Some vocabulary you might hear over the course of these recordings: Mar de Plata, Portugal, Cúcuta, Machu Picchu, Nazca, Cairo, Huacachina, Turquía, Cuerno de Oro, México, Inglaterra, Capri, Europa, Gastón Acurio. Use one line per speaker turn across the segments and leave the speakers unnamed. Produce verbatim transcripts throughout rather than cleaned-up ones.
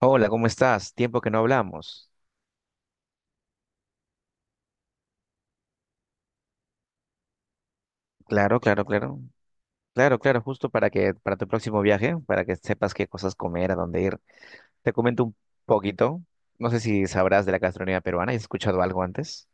Hola, ¿cómo estás? Tiempo que no hablamos. Claro, claro, claro. Claro, claro, justo para que para tu próximo viaje, para que sepas qué cosas comer, a dónde ir. Te comento un poquito. No sé si sabrás de la gastronomía peruana. ¿Has escuchado algo antes?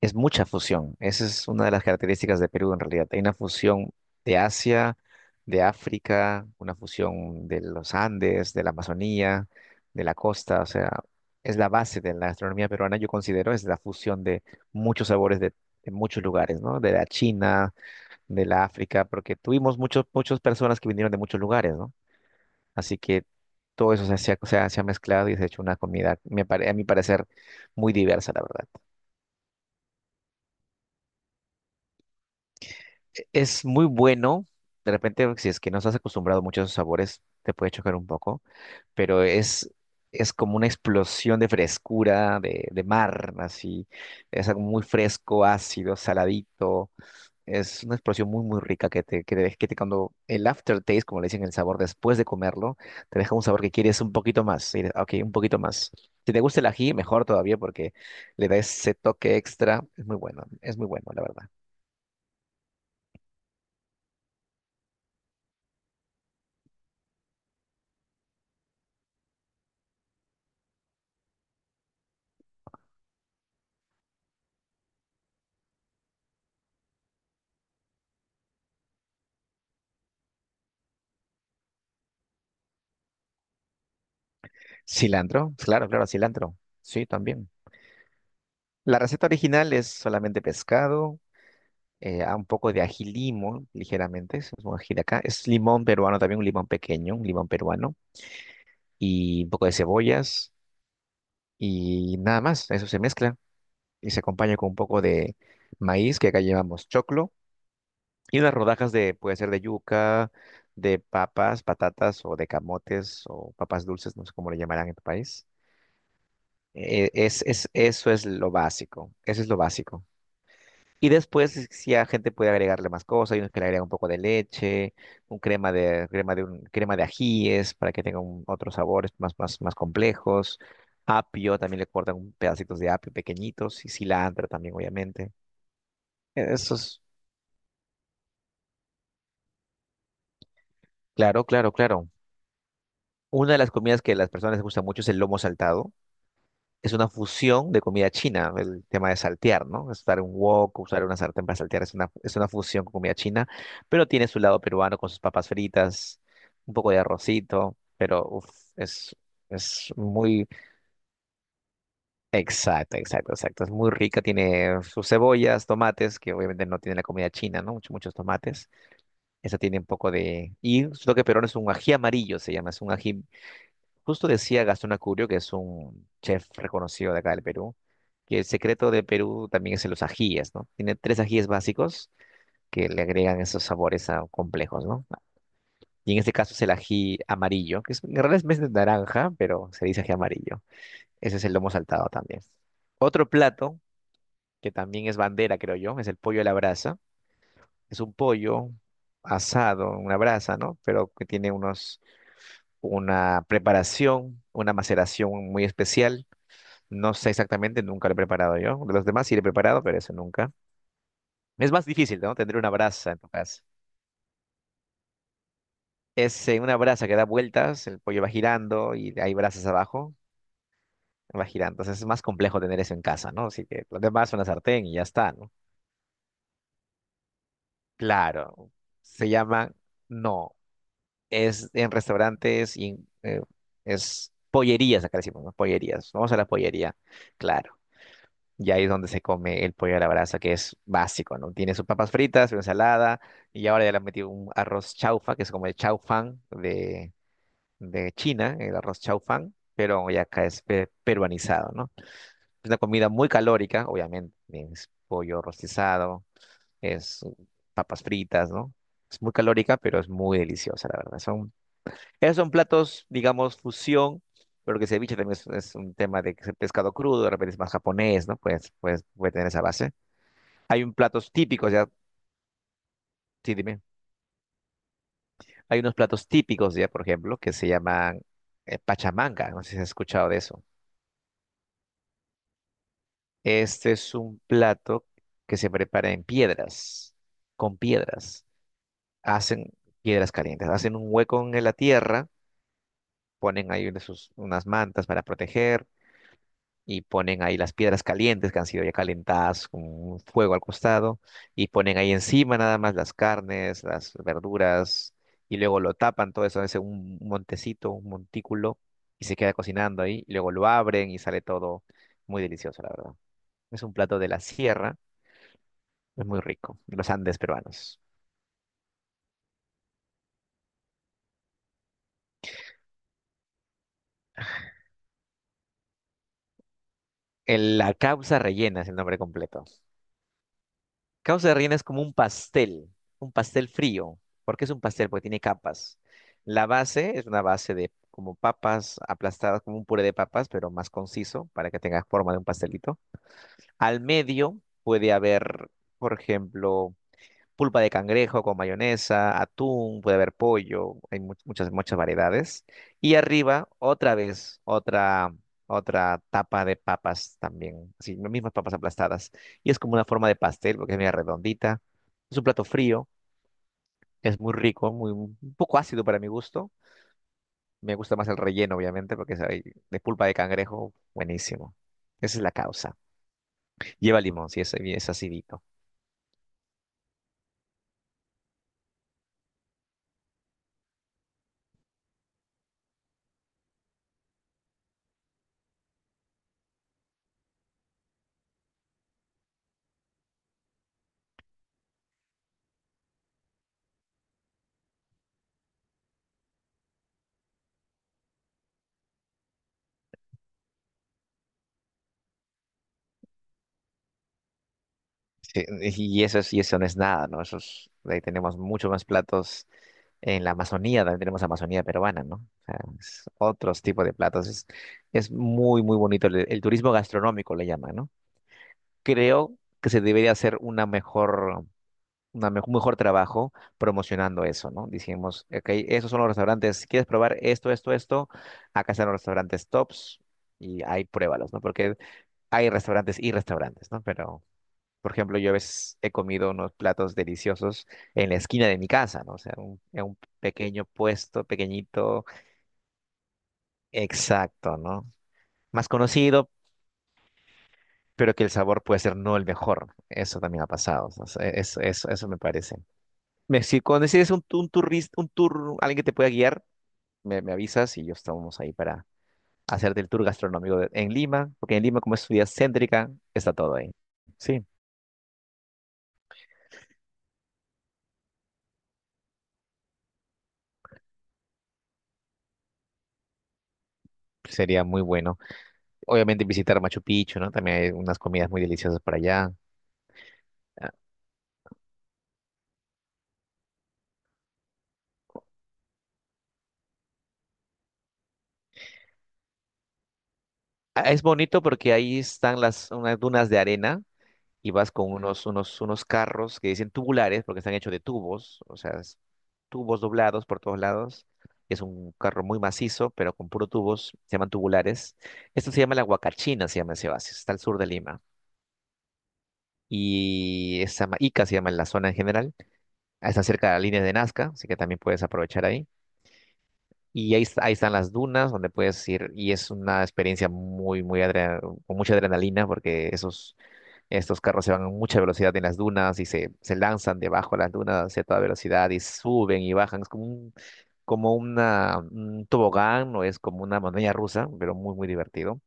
Es mucha fusión. Esa es una de las características de Perú en realidad. Hay una fusión de Asia, de África, una fusión de los Andes, de la Amazonía, de la costa. O sea, es la base de la gastronomía peruana, yo considero, es la fusión de muchos sabores de, de muchos lugares, ¿no? De la China, de la África, porque tuvimos muchos, muchas personas que vinieron de muchos lugares, ¿no? Así que todo eso se, ha- se ha se ha mezclado y se ha hecho una comida, me pare- a mi parecer, muy diversa, la verdad. Es muy bueno. De repente, si es que no estás acostumbrado mucho a esos sabores, te puede chocar un poco, pero es, es como una explosión de frescura, de, de mar, así. Es algo muy fresco, ácido, saladito. Es una explosión muy, muy rica que te, que te, deja- que te cuando el aftertaste, como le dicen, el sabor después de comerlo, te deja un sabor que quieres un poquito más. y de- Ok, un poquito más. Si te gusta el ají, mejor todavía porque le da ese toque extra. Es muy bueno, es muy bueno, la verdad. Cilantro, claro, claro, cilantro. Sí, también. La receta original es solamente pescado, eh, a un poco de ají limo, ligeramente, es un ají de acá. Es limón peruano también, un limón pequeño, un limón peruano, y un poco de cebollas, y nada más. Eso se mezcla y se acompaña con un poco de maíz, que acá llevamos choclo, y unas rodajas de, puede ser de yuca, de papas, patatas, o de camotes, o papas dulces, no sé cómo le llamarán en tu país. Eh, es, es, eso es lo básico, eso es lo básico. Y después, si si a gente puede agregarle más cosas, hay unos que le agregan un poco de leche, un crema de, crema de un, crema de ajíes para que tenga un- otros sabores más, más, más complejos. Apio, también le cortan un- pedacitos de apio pequeñitos y cilantro también, obviamente. E- Eso es, claro, claro, claro. Una de las comidas que a las personas les gusta mucho es el lomo saltado. Es una fusión de comida china, el tema de saltear, ¿no? Usar un wok, usar una sartén para saltear, es una, es una fusión con comida china, pero tiene su lado peruano con sus papas fritas, un poco de arrocito, pero uf, es, es muy... Exacto, exacto, exacto. Es muy rica, tiene sus cebollas, tomates, que obviamente no tiene la comida china, ¿no? Muchos, muchos tomates. Esa tiene un poco de... Y lo que peruano es un ají amarillo, se llama, es un ají Justo decía Gastón Acurio, que es un chef reconocido de acá del Perú, que el secreto de Perú también es en los ajíes, ¿no? Tiene tres ajíes básicos que le agregan esos sabores ah, complejos, ¿no? Y en este caso es el ají amarillo, que es, en realidad es más de naranja, pero se dice ají amarillo. Ese es el lomo saltado también. Otro plato, que también es bandera, creo yo, es el pollo a la brasa. Es un pollo asado, en una brasa, ¿no? Pero que tiene unos, una preparación, una maceración muy especial. No sé exactamente, nunca lo he preparado yo. Los demás sí lo he preparado, pero eso nunca. Es más difícil, ¿no? Tener una brasa en tu casa. Es eh, una brasa que da vueltas, el pollo va girando y hay brasas abajo, va girando. Entonces es más complejo tener eso en casa, ¿no? Así que los demás son la sartén y ya está, ¿no? Claro, se llama, no, es en restaurantes y en, eh, es pollerías, acá decimos, ¿no? Pollerías. Vamos a la pollería, claro. Y ahí es donde se come el pollo a la brasa, que es básico, ¿no? Tiene sus papas fritas, su ensalada, y ahora ya le han metido un arroz chaufa, que es como el chaufán de, de China, el arroz chaufán, pero ya acá es pe- peruanizado, ¿no? Es una comida muy calórica, obviamente, es pollo rostizado, es papas fritas, ¿no? Es muy calórica, pero es muy deliciosa, la verdad. Son, esos son platos, digamos, fusión. Pero que ceviche también es, es un tema de que es pescado crudo, de repente es más japonés, ¿no? Pues, pues puede tener esa base. Hay un platos típicos ya, sí, dime. Hay unos platos típicos ya, por ejemplo, que se llaman eh, pachamanga. No sé si has escuchado de eso. Este es un plato que se prepara en piedras, con piedras. Hacen piedras calientes, hacen un hueco en la tierra, ponen ahí unas, sus- unas mantas para proteger, y ponen ahí las piedras calientes que han sido ya calentadas con un fuego al costado y ponen ahí encima nada más las carnes, las verduras y luego lo tapan todo eso, es un montecito, un montículo y se queda cocinando ahí y luego lo abren y sale todo muy delicioso, la verdad. Es un plato de la sierra, es muy rico, de los Andes peruanos. El- la causa rellena es el nombre completo. Causa de reina es como un pastel, un pastel frío. ¿Por qué es un pastel? Porque tiene capas. La base es una base de como papas aplastadas, como un puré de papas, pero más conciso para que tenga forma de un pastelito. Al medio puede haber, por ejemplo, pulpa de cangrejo con mayonesa, atún, puede haber pollo, hay mu- muchas, muchas variedades. Y arriba, otra vez, otra, otra tapa de papas también, así, las mismas papas aplastadas. Y es como una forma de pastel, porque es media redondita. Es un plato frío, es muy rico, muy, un poco ácido para mi gusto. Me gusta más el relleno, obviamente, porque es ahí de pulpa de cangrejo, buenísimo. Esa es la causa. Lleva limón, si es, es acidito. Sí, y eso es, y eso no es nada, ¿no? Eso es- de ahí tenemos muchos más platos en la Amazonía, también tenemos Amazonía peruana, ¿no? O sea, es otros tipos de platos. Es, es muy, muy bonito. El, el turismo gastronómico le llaman, ¿no? Creo que se debería hacer una mejor, una me- un mejor trabajo promocionando eso, ¿no? Dijimos, ok, esos son los restaurantes. Si quieres probar esto, esto, esto, acá están los restaurantes tops y ahí pruébalos, ¿no? Porque hay restaurantes y restaurantes, ¿no? Pero por ejemplo, yo a veces he comido unos platos deliciosos en la esquina de mi casa, ¿no? O sea, un, en un pequeño puesto, pequeñito, exacto, ¿no? Más conocido, pero que el sabor puede ser no el mejor. Eso también ha pasado. O sea, eso, eso, eso me parece. Me- si cuando decides un, tu- un turista, un tour, alguien que te pueda guiar, me, me avisas y yo estamos ahí para hacerte el tour gastronómico de- en Lima, porque en Lima, como es ciudad céntrica, está todo ahí. Sí, sería muy bueno. Obviamente visitar Machu Picchu, ¿no? También hay unas comidas muy deliciosas para allá. Ah, es bonito porque ahí están las unas dunas de arena y vas con unos, unos, unos carros que dicen tubulares porque están hechos de tubos, o sea, es tubos doblados por todos lados. Es un carro muy macizo, pero con puro tubos, se llaman tubulares. Esto se llama la Huacachina, se llama ese oasis, está al sur de Lima. Y esa Ica se llama en la zona en general. Ah, está cerca de la línea de Nazca, así que también puedes aprovechar ahí. Y ahí, est- ahí están las dunas donde puedes ir y es una experiencia muy, muy adre- con mucha adrenalina porque esos, estos carros se van a mucha velocidad en las dunas y se, se lanzan debajo de las dunas a toda velocidad y suben y bajan. Es como un, como una, un tobogán o es como una montaña rusa, pero muy, muy divertido.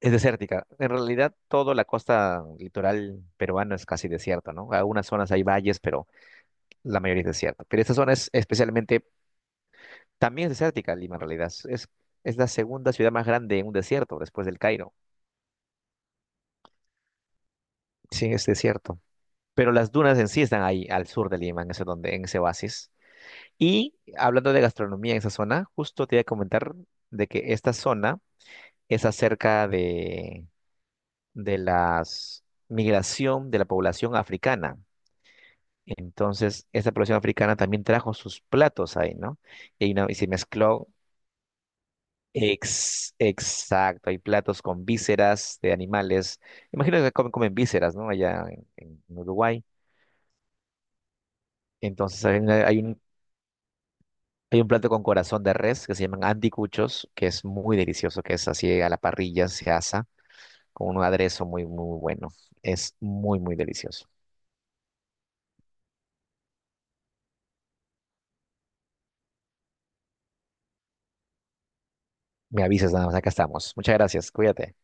Es desértica. En realidad, toda la costa litoral peruana es casi desierta, ¿no? Algunas zonas hay valles, pero la mayoría es desierta. Pero esta zona es especialmente. También es desértica Lima en realidad. Es, es la segunda ciudad más grande en un desierto después del Cairo. Sí, es desierto. Pero las dunas en sí están ahí al sur de Lima, en ese, donde, en ese oasis. Y hablando de gastronomía en esa zona, justo te iba a comentar de que esta zona es acerca de, de la migración de la población africana. Entonces, esta población africana también trajo sus platos ahí, ¿no? Y, no- y se mezcló. Ex- exacto, hay platos con vísceras de animales. Imagino que comen, comen vísceras, ¿no? Allá en, en Uruguay. Entonces hay, una- hay un, hay un plato con corazón de res que se llaman anticuchos, que es muy delicioso, que es así a la parrilla, se asa con un aderezo muy, muy bueno. Es muy, muy delicioso. Me avisas nada más, acá estamos. Muchas gracias, cuídate.